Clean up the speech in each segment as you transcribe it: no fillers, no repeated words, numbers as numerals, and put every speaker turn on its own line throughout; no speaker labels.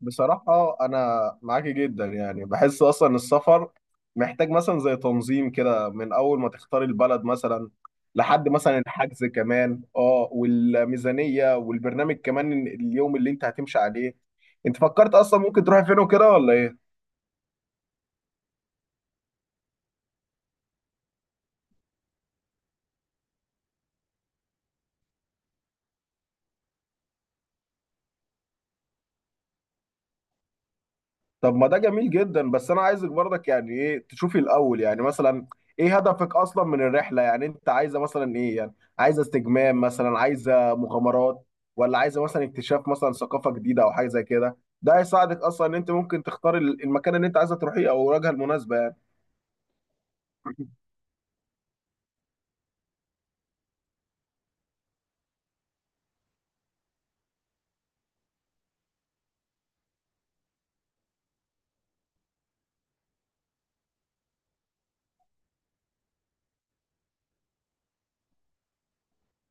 بصراحة أنا معاكي جدا. يعني بحس أصلا السفر محتاج مثلا زي تنظيم كده، من أول ما تختاري البلد مثلا لحد مثلا الحجز كمان، اه، والميزانية والبرنامج كمان، اليوم اللي أنت هتمشي عليه. أنت فكرت أصلا ممكن تروحي فين وكده ولا إيه؟ طب ما ده جميل جدا، بس انا عايزك برضك يعني ايه تشوفي الاول، يعني مثلا ايه هدفك اصلا من الرحله، يعني انت عايزه مثلا ايه؟ يعني عايزه استجمام مثلا، عايزه مغامرات، ولا عايزه مثلا اكتشاف مثلا ثقافه جديده او حاجه زي كده. ده هيساعدك اصلا ان انت ممكن تختار المكان اللي انت عايزه تروحيه او الوجهه المناسبه يعني.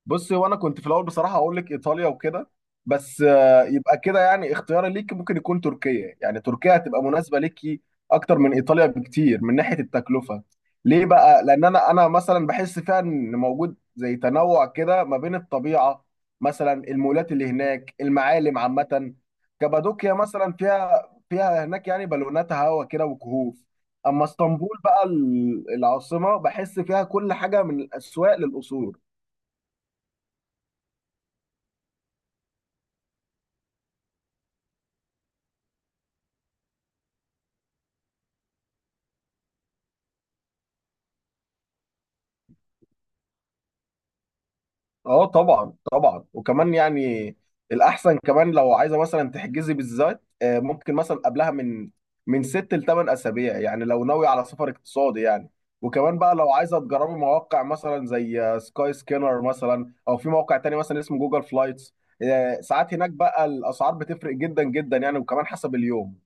بصي، وانا كنت في الاول بصراحه اقول لك ايطاليا وكده، بس يبقى كده يعني اختياري ليك ممكن يكون تركيا. يعني تركيا هتبقى مناسبه ليكي اكتر من ايطاليا بكتير من ناحيه التكلفه. ليه بقى؟ لان انا مثلا بحس فيها ان موجود زي تنوع كده ما بين الطبيعه مثلا، المولات اللي هناك، المعالم عامه. كابادوكيا مثلا فيها هناك يعني بالونات هوا كده وكهوف. اما اسطنبول بقى، العاصمه، بحس فيها كل حاجه من الاسواق للقصور. اه، طبعا طبعا. وكمان يعني الاحسن كمان لو عايزه مثلا تحجزي بالذات، ممكن مثلا قبلها من من 6 لـ 8 اسابيع يعني، لو ناوي على سفر اقتصادي يعني. وكمان بقى لو عايزه تجربي مواقع مثلا زي سكاي سكينر مثلا، او في موقع تاني مثلا اسمه جوجل فلايتس. ساعات هناك بقى الاسعار بتفرق جدا جدا يعني، وكمان حسب اليوم.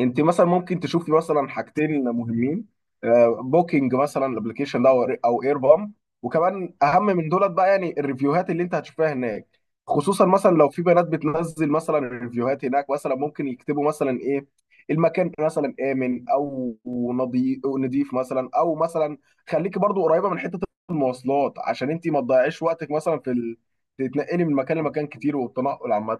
انت مثلا ممكن تشوفي مثلا حاجتين مهمين، بوكينج مثلا الابلكيشن ده او اير بام. وكمان اهم من دولت بقى يعني الريفيوهات اللي انت هتشوفها هناك. خصوصا مثلا لو في بنات بتنزل مثلا الريفيوهات هناك، مثلا ممكن يكتبوا مثلا ايه المكان، مثلا امن او نظيف نضيف مثلا، او مثلا خليكي برضو قريبه من حته المواصلات عشان انت ما تضيعيش وقتك مثلا في تتنقلي من مكان لمكان كتير، والتنقل عامه.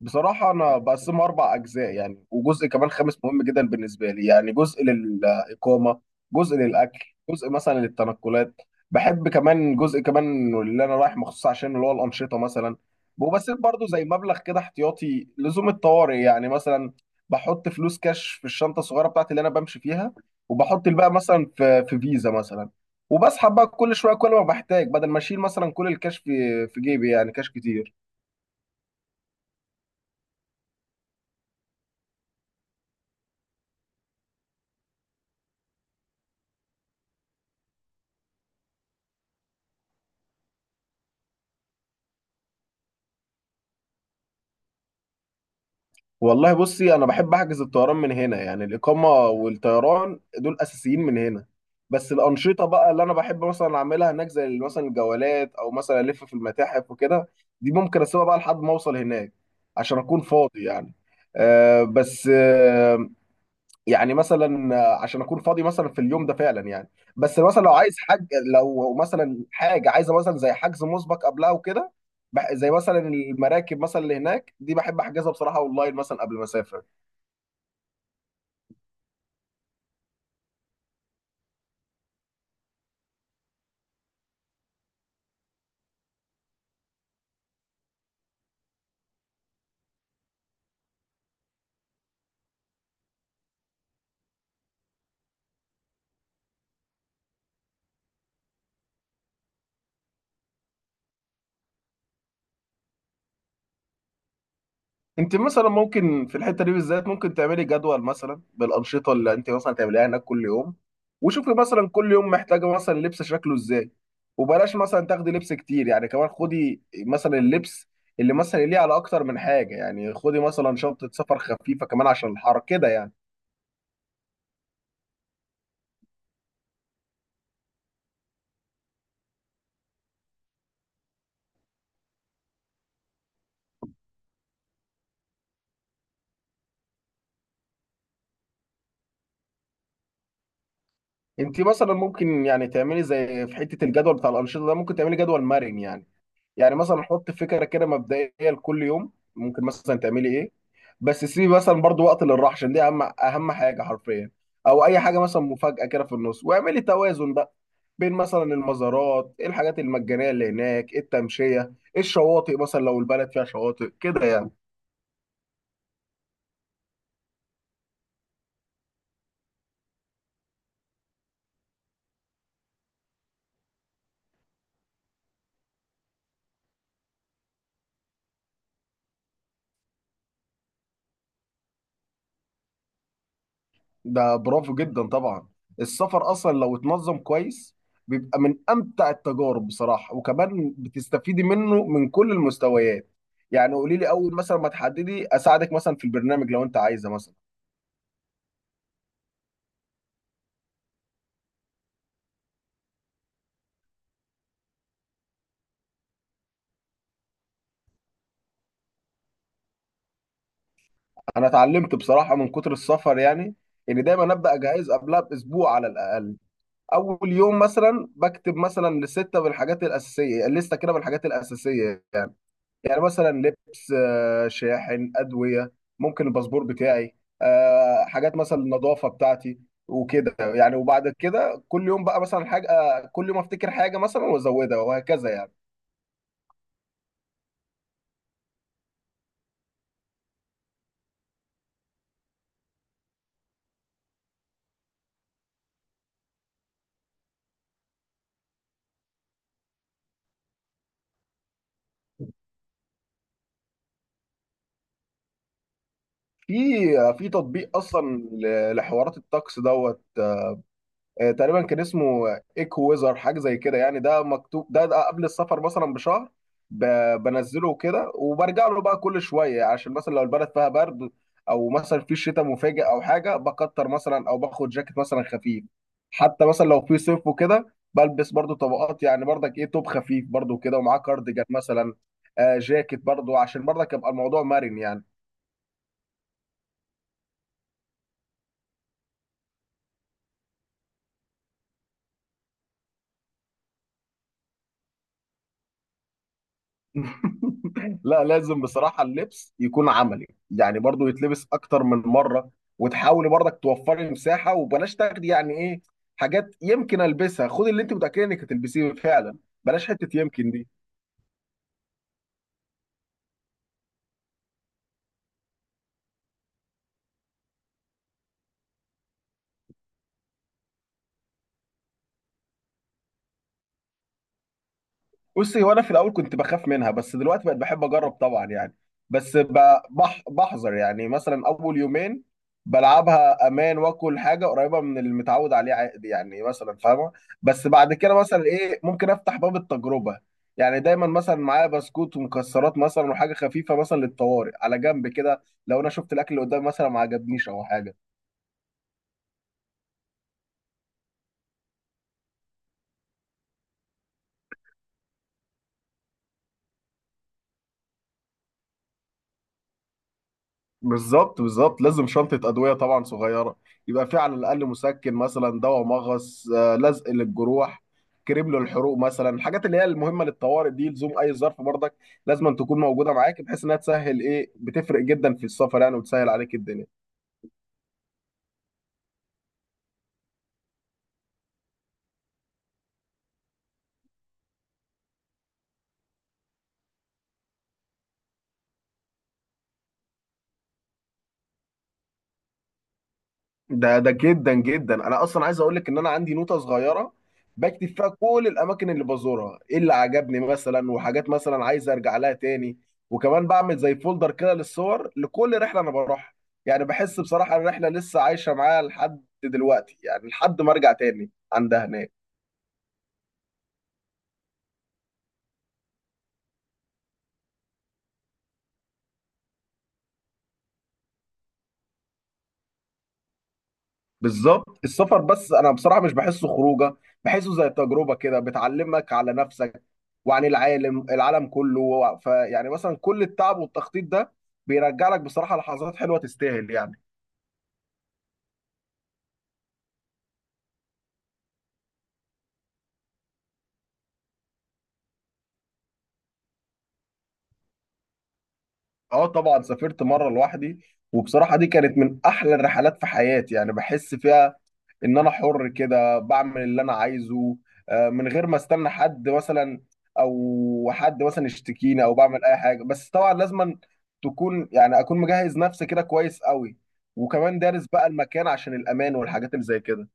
بصراحة أنا بقسمه أربع أجزاء يعني، وجزء كمان خامس مهم جدا بالنسبة لي. يعني جزء للإقامة، جزء للأكل، جزء مثلا للتنقلات. بحب كمان جزء كمان اللي أنا رايح مخصوص عشان اللي هو الأنشطة مثلا. وبسيب برضو زي مبلغ كده احتياطي لزوم الطوارئ يعني. مثلا بحط فلوس كاش في الشنطة الصغيرة بتاعتي اللي أنا بمشي فيها، وبحط الباقي مثلا في فيزا مثلا، وبسحب بقى كل شوية كل ما بحتاج، بدل ما أشيل مثلا كل الكاش في جيبي يعني، كاش كتير. والله بصي، انا بحب احجز الطيران من هنا. يعني الاقامه والطيران دول اساسيين من هنا، بس الانشطه بقى اللي انا بحب مثلا اعملها هناك، زي مثلا الجولات او مثلا الف في المتاحف وكده، دي ممكن اسيبها بقى لحد ما اوصل هناك عشان اكون فاضي يعني. آه بس آه يعني مثلا عشان اكون فاضي مثلا في اليوم ده فعلا يعني. بس مثلا لو عايز حاجه، لو مثلا حاجه عايزه مثلا زي حجز مسبق قبلها وكده، زي مثلا المراكب مثلا اللي هناك دي بحب احجزها بصراحه اونلاين مثلا قبل ما اسافر. انت مثلا ممكن في الحته دي بالذات ممكن تعملي جدول مثلا بالانشطه اللي انت مثلا تعمليها هناك كل يوم، وشوفي مثلا كل يوم محتاجه مثلا لبس شكله ازاي، وبلاش مثلا تاخدي لبس كتير يعني. كمان خدي مثلا اللبس اللي مثلا ليه على اكتر من حاجه يعني، خدي مثلا شنطه سفر خفيفه كمان عشان الحر كده يعني. انت مثلا ممكن يعني تعملي زي في حته الجدول بتاع الانشطه ده، ممكن تعملي جدول مرن يعني. يعني مثلا حط فكره كده مبدئيه لكل يوم ممكن مثلا تعملي ايه، بس سيبي مثلا برضو وقت للراحه عشان دي اهم اهم حاجه حرفيا، او اي حاجه مثلا مفاجاه كده في النص. واعملي توازن بقى بين مثلا المزارات، إيه الحاجات المجانيه اللي هناك، إيه التمشيه، إيه الشواطئ مثلا لو البلد فيها شواطئ كده يعني. ده برافو جدا طبعا. السفر اصلا لو اتنظم كويس بيبقى من امتع التجارب بصراحه، وكمان بتستفيدي منه من كل المستويات. يعني قولي لي اول مثلا ما تحددي اساعدك مثلا في البرنامج لو انت عايزه مثلا. انا اتعلمت بصراحه من كتر السفر يعني ان دايما ابدا اجهز قبلها باسبوع على الاقل. اول يوم مثلا بكتب مثلا لستة بالحاجات الاساسيه، لسته كده بالحاجات الاساسيه. يعني مثلا لبس، شاحن، ادويه، ممكن الباسبور بتاعي، حاجات مثلا النظافه بتاعتي وكده يعني. وبعد كده كل يوم بقى مثلا حاجه، كل يوم افتكر حاجه مثلا وازودها وهكذا يعني. في في تطبيق اصلا لحوارات الطقس دوت، تقريبا كان اسمه ايكو ويزر حاجه زي كده يعني. ده مكتوب ده قبل السفر مثلا بشهر، بنزله كده وبرجع له بقى كل شويه عشان مثلا لو البلد فيها برد، او مثلا في شتاء مفاجئ او حاجه، بكتر مثلا او باخد جاكيت مثلا خفيف. حتى مثلا لو في صيف وكده، بلبس برضو طبقات. يعني برضك ايه توب خفيف برضو كده ومعاه كارديجان مثلا، جاكيت برضو، عشان برضك يبقى الموضوع مرن يعني. لا لازم بصراحة اللبس يكون عملي يعني، برضو يتلبس أكتر من مرة، وتحاولي برضك توفري مساحة، وبلاش تاخدي يعني إيه حاجات يمكن ألبسها، خدي اللي أنت متأكدة إنك هتلبسيه فعلا، بلاش حتة يمكن دي. بصي هو انا في الاول كنت بخاف منها، بس دلوقتي بقت بحب اجرب طبعا يعني. بس ب- بح بحذر يعني، مثلا اول يومين بلعبها امان واكل حاجه قريبه من اللي متعود عليه عادي يعني، مثلا فاهمه. بس بعد كده مثلا ايه ممكن افتح باب التجربه. يعني دايما مثلا معايا بسكوت ومكسرات مثلا وحاجه خفيفه مثلا للطوارئ على جنب كده، لو انا شفت الاكل اللي قدامي مثلا ما عجبنيش او حاجه. بالظبط بالظبط، لازم شنطة أدوية طبعا صغيرة، يبقى في على الأقل مسكن مثلا، دواء مغص، لزق للجروح، كريم للحروق مثلا، الحاجات اللي هي المهمة للطوارئ دي لزوم أي ظرف برضك لازم أن تكون موجودة معاك، بحيث إنها تسهل إيه، بتفرق جدا في السفر يعني وتسهل عليك الدنيا. ده جدا جدا انا اصلا عايز اقول لك ان انا عندي نوتة صغيرة بكتب فيها كل الاماكن اللي بزورها، ايه اللي عجبني مثلا، وحاجات مثلا عايز ارجع لها تاني. وكمان بعمل زي فولدر كده للصور لكل رحلة انا بروحها. يعني بحس بصراحة الرحلة لسه عايشة معايا لحد دلوقتي، يعني لحد ما ارجع تاني عندها هناك. بالظبط. السفر بس انا بصراحه مش بحسه خروجه، بحسه زي تجربه كده بتعلمك على نفسك وعن العالم، العالم كله. فيعني مثلا كل التعب والتخطيط ده بيرجع لك بصراحه لحظات حلوه تستاهل يعني. اه طبعا، سافرت مره لوحدي وبصراحه دي كانت من احلى الرحلات في حياتي. يعني بحس فيها ان انا حر كده بعمل اللي انا عايزه، من غير ما استنى حد مثلا، او حد مثلا يشتكيني، او بعمل اي حاجه. بس طبعا لازم تكون يعني اكون مجهز نفسي كده كويس قوي، وكمان دارس بقى المكان عشان الامان والحاجات اللي زي كده.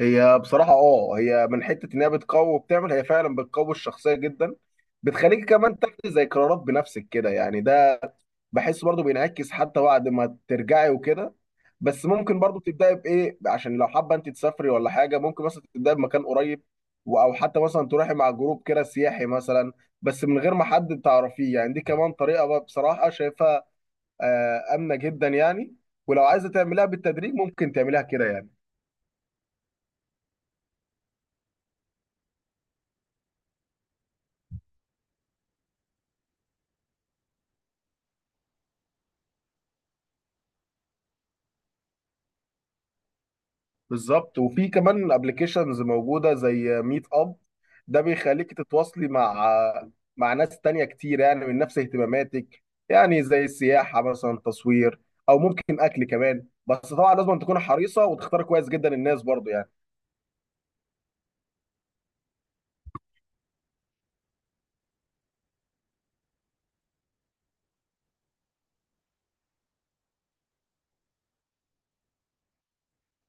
هي بصراحه اه هي من حته ان هي بتقوي وبتعمل، هي فعلا بتقوي الشخصيه جدا، بتخليك كمان تاخدي زي قرارات بنفسك كده يعني. ده بحس برضو بينعكس حتى بعد ما ترجعي وكده. بس ممكن برضو تبداي بايه، عشان لو حابه انت تسافري ولا حاجه ممكن مثلا تبداي بمكان قريب، او حتى مثلا تروحي مع جروب كده سياحي مثلا بس من غير ما حد تعرفيه يعني. دي كمان طريقه بقى بصراحه شايفها امنه جدا يعني، ولو عايزه تعمليها بالتدريج ممكن تعمليها كده يعني. بالظبط. وفي كمان ابلكيشنز موجوده زي ميت اب، ده بيخليك تتواصلي مع ناس تانية كتير يعني، من نفس اهتماماتك، يعني زي السياحه مثلا، تصوير، او ممكن اكل كمان. بس طبعا لازم تكون حريصه وتختار كويس جدا الناس برضو يعني.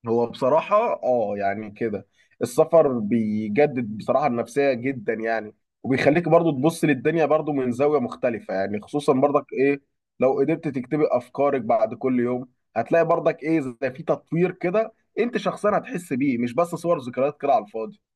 هو بصراحة اه يعني كده السفر بيجدد بصراحة النفسية جدا يعني، وبيخليك برضو تبص للدنيا برضو من زاوية مختلفة يعني. خصوصا برضك ايه لو قدرت تكتبي افكارك بعد كل يوم، هتلاقي برضك ايه زي في تطوير كده انت شخصيا هتحس بيه، مش بس صور ذكريات كده على الفاضي.